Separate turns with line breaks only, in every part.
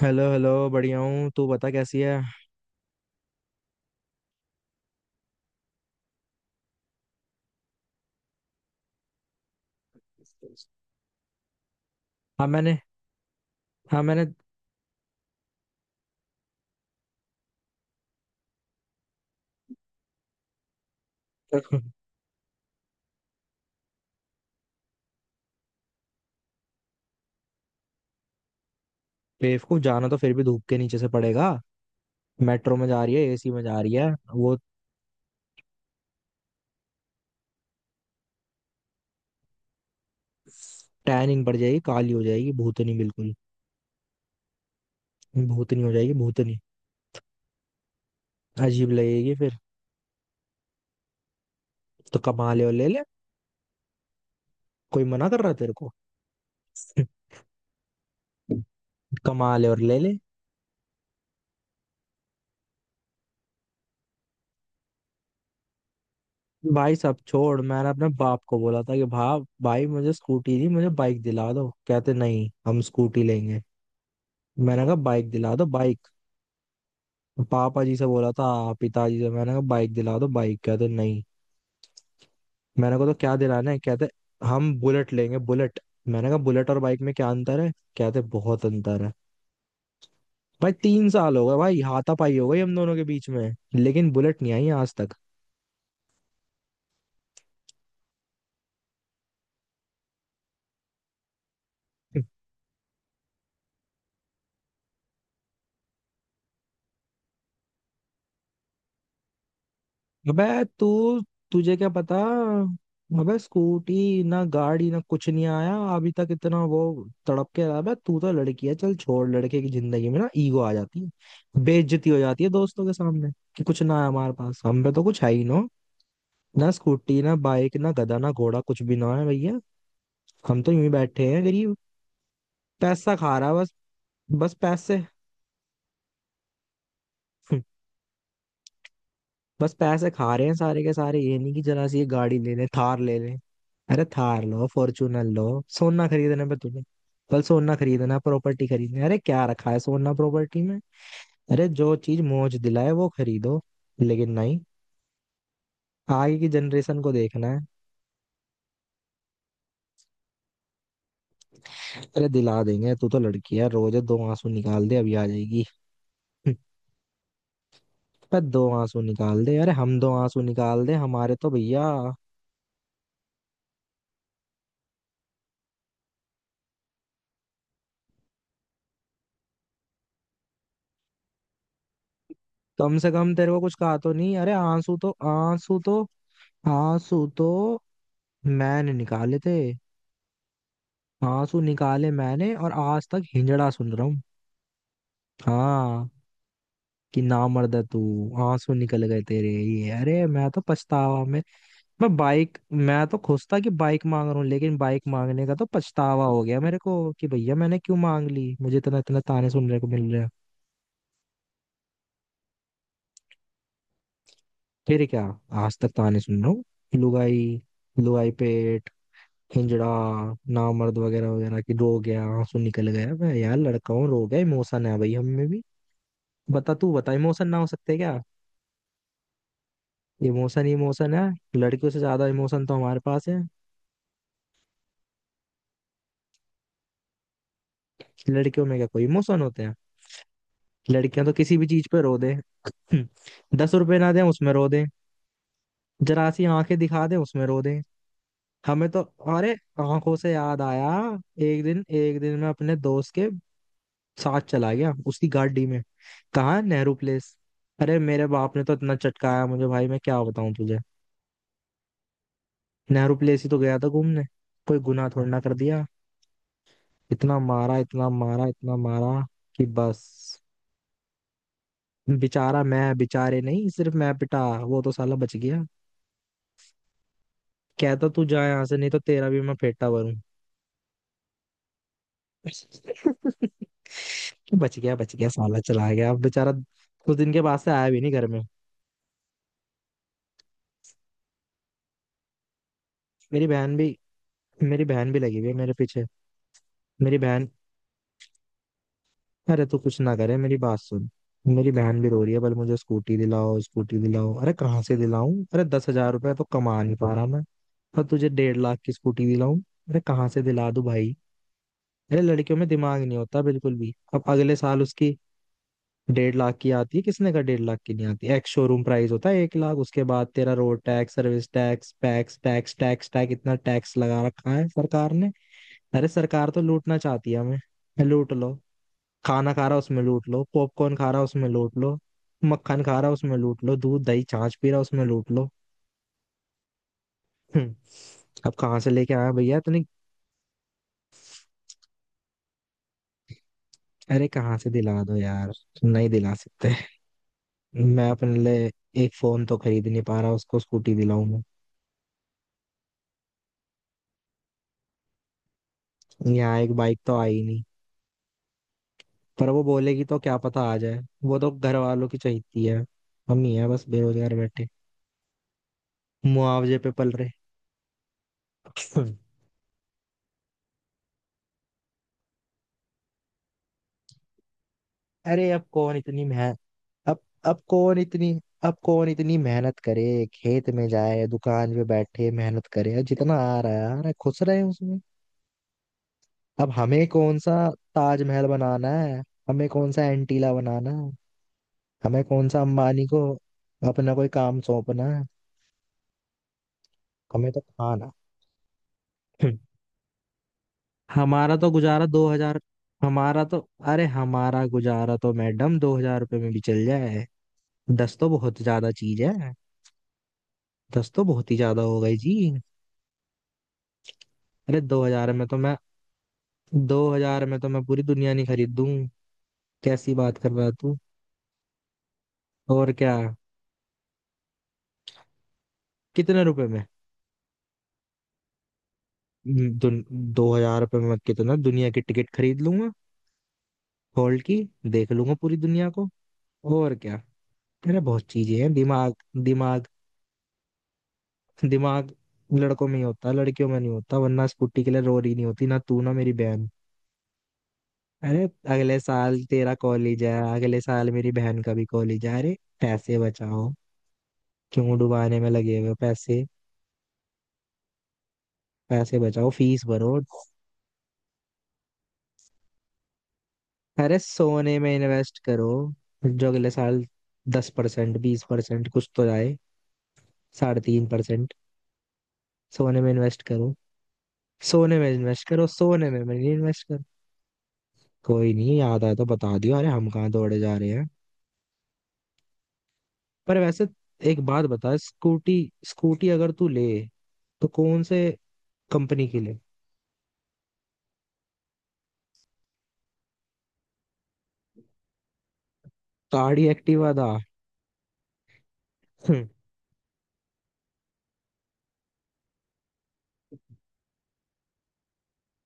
Hello hello बढ़िया हूँ। तू बता कैसी है? हाँ मैंने हाँ मैंने। बेवकूफ, जाना तो फिर भी धूप के नीचे से पड़ेगा। मेट्रो में जा रही है, एसी में जा रही है। वो टैनिंग पड़ जाएगी, काली हो जाएगी भूतनी बिल्कुल। भूतनी हो जाएगी भूतनी। अजीब लगेगी फिर। तो कमा ले और ले ले। कोई मना कर रहा है तेरे को? कमा ले और ले ले। भाई सब छोड़, मैंने अपने बाप को बोला था कि भाप भाई मुझे स्कूटी नहीं, मुझे बाइक दिला दो। कहते नहीं, हम स्कूटी लेंगे। मैंने कहा बाइक दिला दो बाइक। पापा जी से बोला था। पिताजी से मैंने कहा बाइक दिला दो बाइक। कहते नहीं। मैंने कहा तो क्या दिलाना है? कहते हम बुलेट लेंगे बुलेट। मैंने कहा बुलेट और बाइक में क्या अंतर है? कहते बहुत अंतर है। भाई 3 साल हो गए भाई, हाथापाई हो गई हम दोनों के बीच में, लेकिन बुलेट नहीं आई आज तक। अबे तू, तुझे क्या पता। अबे स्कूटी ना, गाड़ी ना, कुछ नहीं आया अभी तक। इतना वो तड़प के रहा है। अबे तू तो लड़की है, चल छोड़। लड़के की जिंदगी में ना ईगो आ जाती है, बेइज्जती हो जाती है दोस्तों के सामने कि कुछ ना है हमारे पास, हम पे तो कुछ है ही ना। ना स्कूटी ना बाइक ना गधा ना घोड़ा, कुछ भी ना है भैया। हम तो यूं ही बैठे हैं गरीब। पैसा खा रहा है बस। बस पैसे बस पैसे खा रहे हैं सारे के सारे। ये नहीं कि जरा सी ये गाड़ी ले ले, थार ले ले। अरे थार लो, फॉर्चूनर लो। सोना खरीदने पे तुम्हें, कल सोना खरीदना, प्रॉपर्टी खरीदनी। अरे क्या रखा है सोना प्रॉपर्टी में। अरे जो चीज मौज दिलाए वो खरीदो, लेकिन नहीं, आगे की जनरेशन को देखना है। अरे दिला देंगे, तू तो लड़की है, रोज दो आंसू निकाल दे अभी आ जाएगी। हम्म, पर दो आंसू निकाल दे, अरे हम दो आंसू निकाल दे हमारे तो भैया, कम से कम तेरे को कुछ कहा तो नहीं। अरे आंसू तो मैंने निकाले थे। आंसू निकाले मैंने और आज तक हिंजड़ा सुन रहा हूँ। हाँ, कि नामर्द है तू। आंसू निकल गए तेरे ये। अरे मैं तो पछतावा में। मैं तो खुश था कि बाइक मांग रहा हूँ, लेकिन बाइक मांगने का तो पछतावा हो गया मेरे को कि भैया मैंने क्यों मांग ली। मुझे इतना इतना ताने सुनने को मिल रहे हैं। फिर क्या, आज तक ताने सुन रहा हूँ। लुगाई, लुगाई पेट, हिंजड़ा, नामर्द वगैरह वगैरह, कि रो गया आंसू निकल गया। मैं यार लड़का हूँ, रो गया। इमोशन है भाई हम में भी। बता तू बता, इमोशन ना हो सकते क्या? इमोशन इमोशन है। लड़कियों से ज्यादा इमोशन तो हमारे पास है। लड़कियों में क्या कोई इमोशन होते हैं? लड़कियां तो किसी भी चीज पे रो दे। 10 रुपए ना दें उसमें रो दे। जरा सी आंखें दिखा दे उसमें रो दे। हमें तो, अरे आंखों से याद आया, एक दिन मैं अपने दोस्त के साथ चला गया उसकी गाड़ी में, कहाँ, नेहरू प्लेस। अरे मेरे बाप ने तो इतना चटकाया मुझे भाई, मैं क्या बताऊं तुझे। नेहरू प्लेस ही तो गया था घूमने, कोई गुनाह थोड़ी ना कर दिया। इतना मारा इतना मारा इतना मारा कि बस। बेचारा मैं, बेचारे नहीं, सिर्फ मैं पिटा, वो तो साला बच गया। कहता, तू जा यहाँ से नहीं तो तेरा भी मैं फेटा भरूं। बच गया, बच गया साला, चला गया अब बेचारा। कुछ दिन के बाद से आया भी नहीं घर में। मेरी बहन भी मेरी बहन भी लगी हुई है मेरे पीछे। मेरी बहन, अरे तू कुछ ना करे, मेरी बात सुन। मेरी बहन भी रो रही है, बोले मुझे स्कूटी दिलाओ स्कूटी दिलाओ। अरे कहाँ से दिलाऊं? अरे 10,000 रुपये तो कमा नहीं पा रहा मैं, और तुझे 1.5 लाख की स्कूटी दिलाऊं। अरे कहाँ से दिला दूं भाई। अरे लड़कियों में दिमाग नहीं होता बिल्कुल भी। अब अगले साल उसकी 1.5 लाख की आती है। किसने का 1.5 लाख की नहीं आती, एक्स शोरूम प्राइस होता है 1 लाख, उसके बाद तेरा road tax, service tax, packs tax, tax tax, इतना टैक्स लगा रखा है सरकार ने। अरे सरकार तो लूटना चाहती है हमें। लूट लो, खाना खा रहा उसमें लूट लो, पॉपकॉर्न खा रहा उसमें लूट लो, मक्खन खा रहा उसमें लूट लो, दूध दही छाछ पी रहा उसमें लूट लो। हम्म, अब कहाँ से लेके आया भैया इतनी, अरे कहाँ से दिला दो यार। नहीं दिला सकते। मैं अपने लिए एक फोन तो खरीद नहीं पा रहा, उसको स्कूटी दिलाऊंगा। यहाँ एक बाइक तो आई नहीं। पर वो बोलेगी तो क्या पता आ जाए, वो तो घर वालों की चाहती है। हम ही है बस बेरोजगार बैठे, मुआवजे पे पल रहे। अरे अब कौन इतनी मेहनत, अब अब कौन इतनी अब कौन इतनी मेहनत करे, खेत में जाए दुकान पे बैठे मेहनत करे, जितना आ रहा है खुश रहे उसमें। अब हमें कौन सा ताजमहल बनाना है, हमें कौन सा एंटीला बनाना है, हमें कौन सा अंबानी को अपना कोई काम सौंपना है। हमें तो खाना, हम्म, हमारा तो गुजारा दो हजार हमारा तो अरे हमारा गुजारा तो मैडम 2,000 रुपये में भी चल जाए। दस तो बहुत ज्यादा चीज है, दस तो बहुत ही ज्यादा हो गई जी। अरे दो हजार में तो मैं पूरी दुनिया नहीं खरीद दूं। कैसी बात कर रहा है तू? और क्या, कितने रुपए में। 2,000 रुपये में कितना दुनिया की टिकट खरीद लूंगा, हॉल की, देख लूंगा पूरी दुनिया को। और क्या, मेरा बहुत चीजें हैं, दिमाग, दिमाग, दिमाग लड़कों में ही होता है लड़कियों में नहीं होता, वरना स्कूटी के लिए रो रही नहीं होती ना तू ना मेरी बहन। अरे अगले साल तेरा कॉलेज है, अगले साल मेरी बहन का भी कॉलेज है। अरे पैसे बचाओ, क्यों डुबाने में लगे हुए हो? पैसे, पैसे बचाओ, फीस भरो। अरे सोने में इन्वेस्ट करो, जो अगले साल 10% 20% कुछ तो आए, 3.5%। सोने में इन्वेस्ट करो सोने में इन्वेस्ट करो, सोने में, मैं नहीं, इन्वेस्ट करो। कोई नहीं, याद आया तो बता दियो। अरे हम कहाँ दौड़े जा रहे हैं। पर वैसे एक बात बता, स्कूटी, अगर तू ले तो कौन से कंपनी की ले? गाड़ी एक्टिवा दा। हम्म,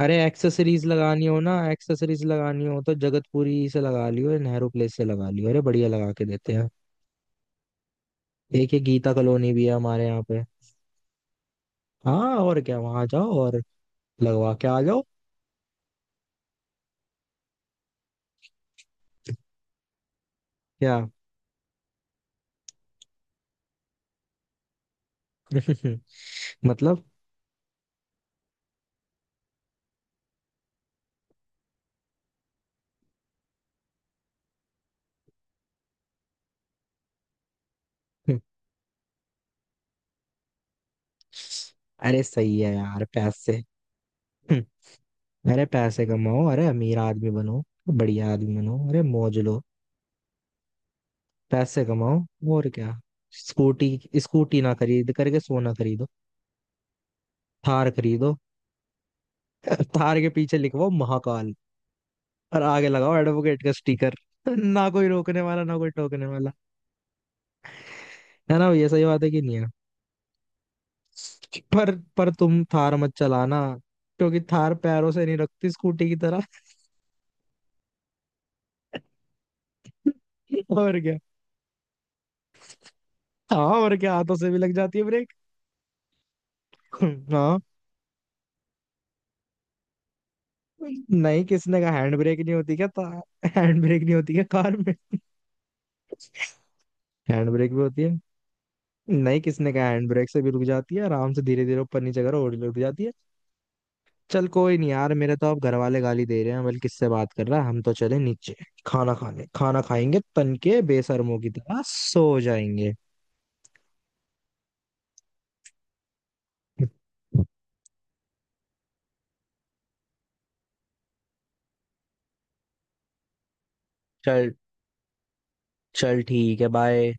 अरे एक्सेसरीज लगानी हो ना, एक्सेसरीज लगानी हो तो जगतपुरी से लगा लियो, या नेहरू प्लेस से लगा लियो। अरे बढ़िया लगा के देते हैं। एक ये गीता कॉलोनी भी है हमारे यहाँ पे। हाँ और क्या, वहां जाओ और लगवा के आ जाओ। क्या? मतलब? हम्म, अरे सही है यार, पैसे। हम्म, अरे पैसे कमाओ, अरे अमीर आदमी बनो, बढ़िया आदमी बनो, अरे मौज लो, पैसे कमाओ, और क्या। स्कूटी, ना खरीद करके सोना खरीदो, थार खरीदो। थार के पीछे लिखवाओ महाकाल, और आगे लगाओ एडवोकेट का स्टिकर। ना कोई रोकने वाला, ना कोई टोकने वाला। है ना, ये सही बात है कि नहीं है? पर पर तुम थार मत चलाना, क्योंकि थार पैरों से नहीं रखती स्कूटी की तरह। और क्या। हाँ और क्या, हाथों से भी लग जाती है ब्रेक। हाँ, नहीं, किसने कहा हैंड ब्रेक नहीं होती क्या था? हैंड ब्रेक नहीं होती क्या कार में? हैंड ब्रेक भी होती है। नहीं, किसने कहा, हैंड ब्रेक से भी रुक जाती है आराम से, धीरे धीरे ऊपर नीचे करो और रुक जाती है। चल कोई नहीं यार, मेरे तो अब घर वाले गाली दे रहे हैं, बल्कि किससे बात कर रहा है। हम तो चले नीचे, खाना खाने। खाना खाएंगे तन के, बेशर्मों की तरह सो जाएंगे। चल, चल ठीक है, बाय।